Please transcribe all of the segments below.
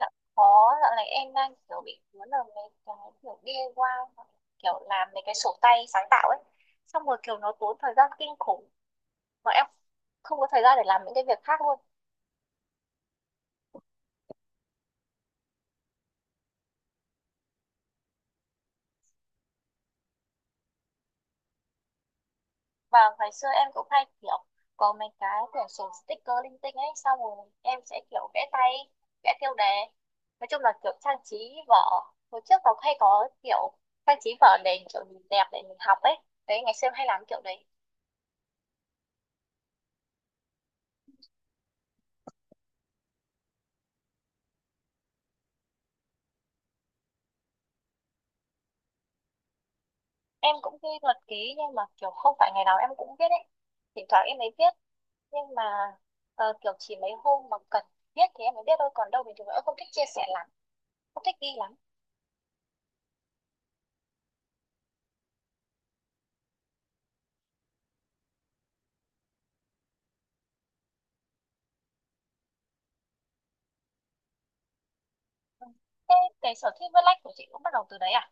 Dạ, có dạo này em đang kiểu bị cuốn vào mấy cái kiểu DIY hoặc kiểu làm mấy cái sổ tay sáng tạo ấy, xong rồi kiểu nó tốn thời gian kinh khủng mà em không có thời gian để làm những cái việc khác luôn. Và ngày xưa em cũng hay kiểu có mấy cái quyển sổ sticker linh tinh ấy, xong rồi em sẽ kiểu vẽ tay, vẽ tiêu đề, nói chung là kiểu trang trí vở. Hồi trước nó hay có kiểu trang trí vở để kiểu nhìn đẹp để mình học ấy, đấy ngày xưa em hay làm kiểu đấy. Em cũng thi thuật ký nhưng mà kiểu không phải ngày nào em cũng viết ấy, thỉnh thoảng em mới viết. Nhưng mà kiểu chỉ mấy hôm mà cần viết thì em mới viết thôi, còn đâu bình thường em không thích chia sẻ lắm, không thích ghi lắm. Ừ. Thế cái sở thích viết lách của chị cũng bắt đầu từ đấy à?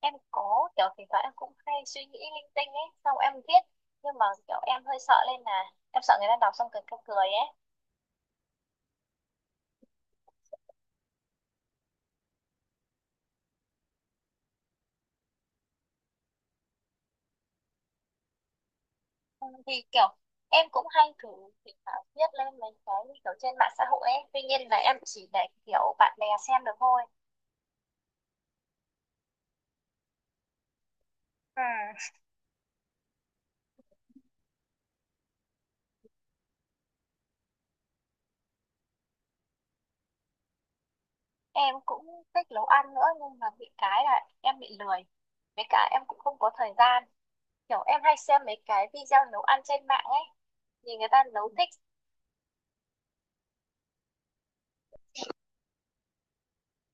Em có kiểu thỉnh thoảng em cũng hay suy nghĩ linh tinh ấy, xong em viết, nhưng mà kiểu em hơi sợ lên là em sợ người ta đọc xong cười cười cười ấy. Ừ, thì kiểu em cũng hay thử thỉnh thoảng viết lên mấy cái như kiểu trên mạng xã hội ấy, tuy nhiên là em chỉ để kiểu bạn bè xem được thôi. Ừ. Em cũng thích nấu ăn nữa nhưng mà bị cái là em bị lười, với cả em cũng không có thời gian. Kiểu em hay xem mấy cái video nấu ăn trên mạng ấy, nhìn người ta nấu thích.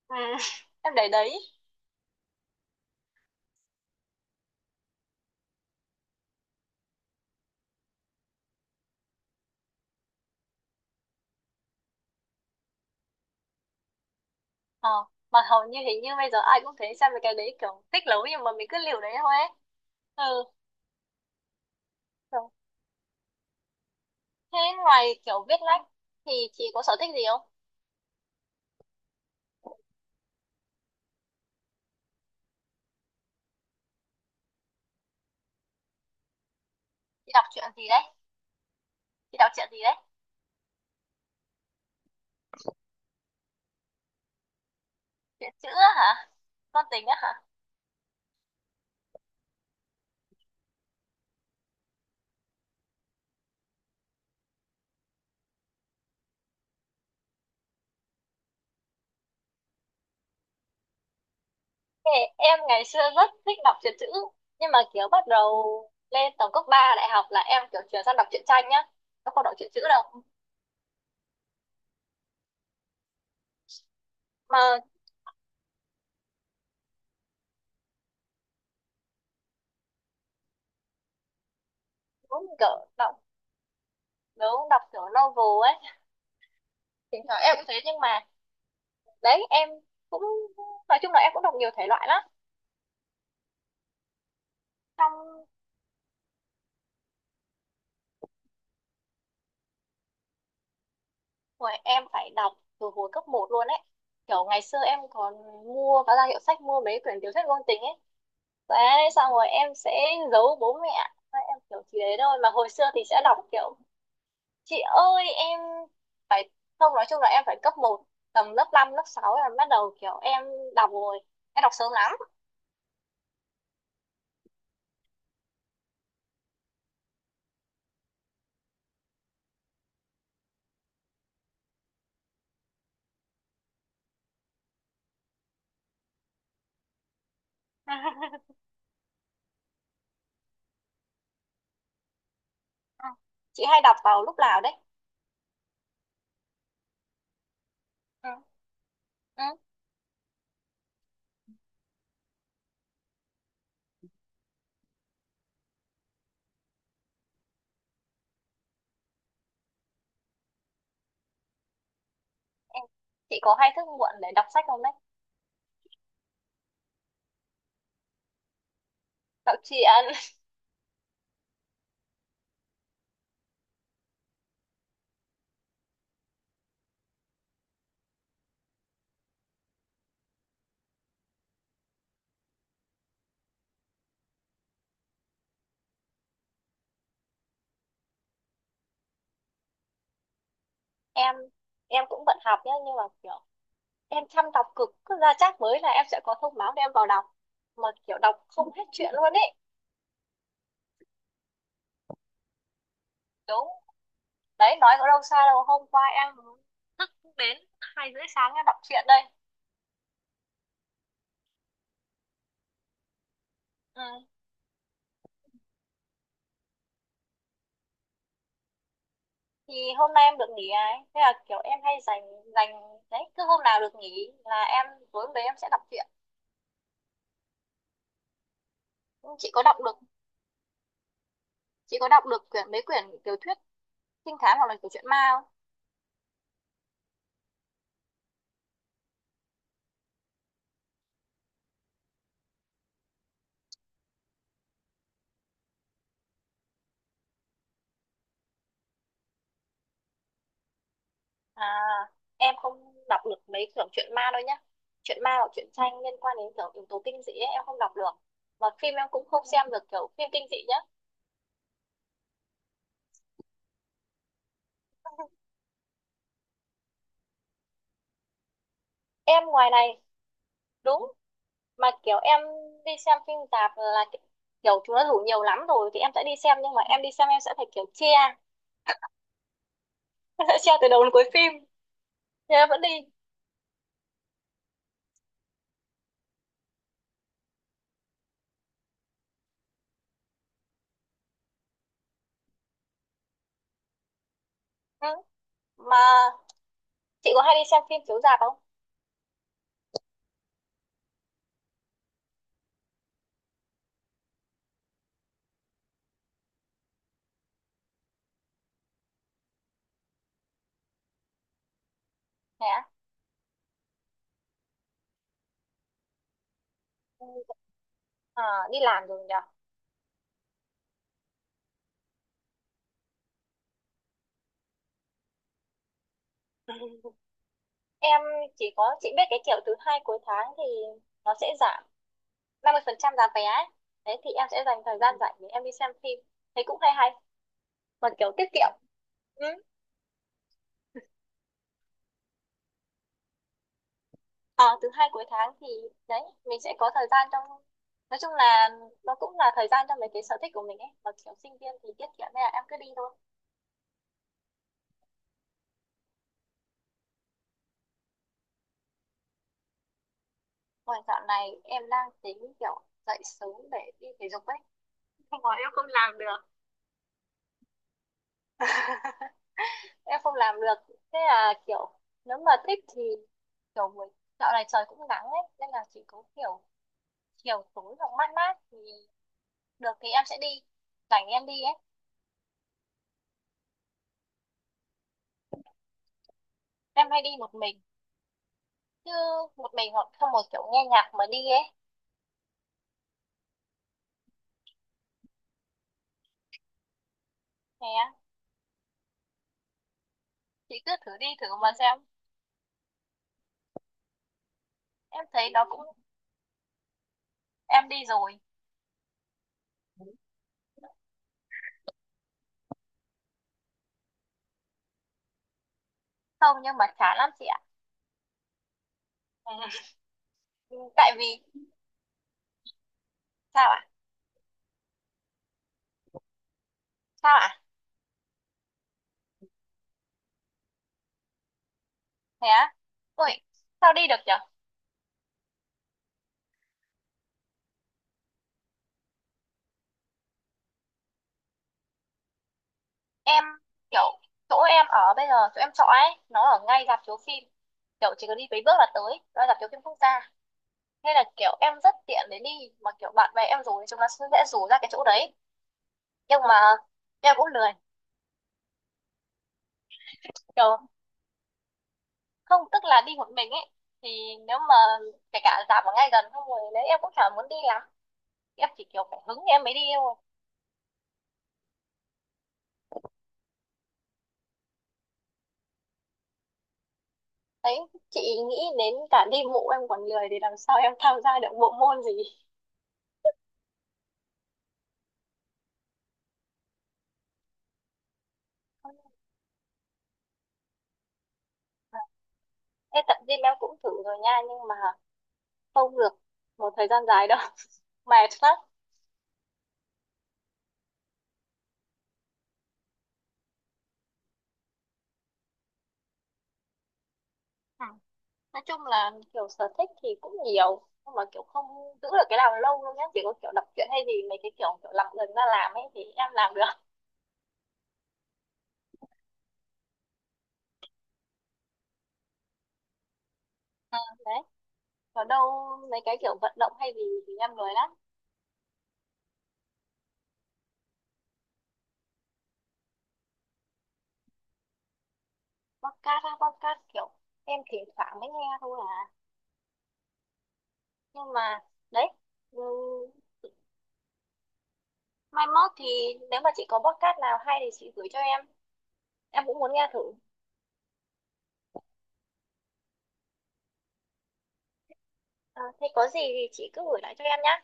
Ừ. Em để đấy. ờ mà hầu như hình như bây giờ ai cũng thế, xem mấy cái đấy kiểu thích nấu nhưng mà mình cứ liều đấy thôi ấy. Ừ. kiểu- Thế ngoài kiểu viết lách thì chị có sở thích gì không? chị đọc truyện gì đấy chị đọc truyện gì đấy? Truyện chữ á hả? Con tình á hả? Ê, em ngày xưa rất thích đọc truyện chữ nhưng mà kiểu bắt đầu lên tầm cấp 3 đại học là em kiểu chuyển sang đọc truyện tranh nhá, em không đọc truyện chữ đâu. Mà cũng kiểu đọc, nếu đọc kiểu novel ấy thỉnh thoảng em cũng thế. Nhưng mà đấy em cũng, nói chung là em cũng đọc nhiều thể loại lắm. Xong rồi em phải đọc từ hồi cấp 1 luôn ấy, kiểu ngày xưa em còn mua và ra hiệu sách mua mấy quyển tiểu thuyết ngôn tình ấy, đấy xong rồi em sẽ giấu bố mẹ. Đấy, em kiểu chỉ đấy thôi, mà hồi xưa thì sẽ đọc kiểu, chị ơi em phải, không nói chung là em phải cấp 1 tầm lớp 5 lớp 6 là bắt đầu kiểu em đọc rồi, em đọc sớm lắm. Ừ. Chị hay đọc vào lúc nào đấy? Ừ. Ừ. Em, chị có hay thức muộn để đọc sách không đấy? Đọc truyện. em em cũng bận học nhá nhưng mà kiểu em chăm đọc cực, cứ ra chắc mới là em sẽ có thông báo để em vào đọc, mà kiểu đọc không hết chuyện luôn ấy. Đúng. Đấy nói có đâu xa đâu, hôm qua em thức đến 2 rưỡi sáng em đọc truyện đây. Ừ. Thì hôm nay em được nghỉ ấy, thế là kiểu em hay dành dành đấy, cứ hôm nào được nghỉ là em, tối hôm đấy em sẽ đọc truyện. Nhưng chị có đọc được chị có đọc được mấy quyển tiểu thuyết trinh thám hoặc là kiểu truyện ma không? À, em không đọc được mấy kiểu truyện ma đâu nhá. Truyện ma hoặc truyện tranh liên quan đến kiểu yếu tố kinh dị ấy, em không đọc được. Mà phim em cũng không xem được kiểu phim kinh dị nhá. Em ngoài này. Đúng. Mà kiểu em đi xem phim tạp là kiểu chúng nó rủ nhiều lắm rồi thì em sẽ đi xem, nhưng mà em đi xem em sẽ phải kiểu chia sẽ treo từ đầu đến cuối phim, thế là vẫn đi. Ừ. Mà chị có hay đi xem phim chiếu rạp không? Thế á? Ừ, à, đi làm rồi nhỉ. Em chỉ có chị biết cái kiểu thứ hai cuối tháng thì nó sẽ giảm 50% giá vé ấy. Đấy thì em sẽ dành thời gian rảnh để em đi xem phim, thấy cũng hay hay mà kiểu tiết kiệm. Ừ. À, thứ hai cuối tháng thì đấy mình sẽ có thời gian trong, nói chung là nó cũng là thời gian cho mấy cái sở thích của mình ấy, mà kiểu sinh viên thì tiết kiệm nên là em cứ đi thôi. Ngoài dạo này em đang tính kiểu dậy sớm để đi thể dục ấy. Nhưng mà em không làm được. Em không làm được. Thế là kiểu nếu mà thích thì kiểu buổi, dạo này trời cũng nắng ấy, nên là chỉ có kiểu chiều tối hoặc mát mát thì được thì em sẽ đi. Rảnh em đi ấy. Em hay đi một mình. Chứ một mình hoặc không, một kiểu nghe nhạc mà đi ấy. Nè, chị cứ thử đi thử mà xem. Em thấy nó cũng, em đi rồi. Không, nhưng mà chán lắm chị ạ. Tại vì sao ạ? Sao ạ? Thế á? Ui, sao đi được nhở? Em kiểu chỗ em ở bây giờ, chỗ em trọ ấy, nó ở ngay rạp chiếu phim. Kiểu chỉ cần đi mấy bước là tới, đó là rạp chiếu phim quốc gia. Nên là kiểu em rất tiện để đi, mà kiểu bạn bè em rủ thì chúng nó sẽ dễ rủ ra cái chỗ đấy. Nhưng mà em cũng lười, kiểu không, tức là đi một mình ấy. Thì nếu mà kể cả rạp ở ngay gần không rồi đấy em cũng chả muốn đi lắm. Em chỉ kiểu phải hứng em mới đi thôi. Đấy, chị nghĩ đến cả đi bộ em còn lười thì làm sao em tham gia được bộ môn gì. Ê, tập gym em cũng thử rồi nha nhưng mà không được một thời gian dài đâu mệt lắm. Ừ. Nói chung là kiểu sở thích thì cũng nhiều nhưng mà kiểu không giữ được cái nào lâu đâu nhá, chỉ có kiểu đọc truyện hay gì mấy cái kiểu kiểu làm gần ra làm ấy thì em làm được. Ờ, đấy còn đâu mấy cái kiểu vận động hay gì thì em lười lắm. Podcast á? Podcast kiểu em thỉnh thoảng mới nghe thôi à. Nhưng mà đấy, ừ, mai mốt thì nếu mà chị có podcast nào hay thì chị gửi cho em cũng muốn nghe thử. Ờ, Thế có gì thì chị cứ gửi lại cho em nhá.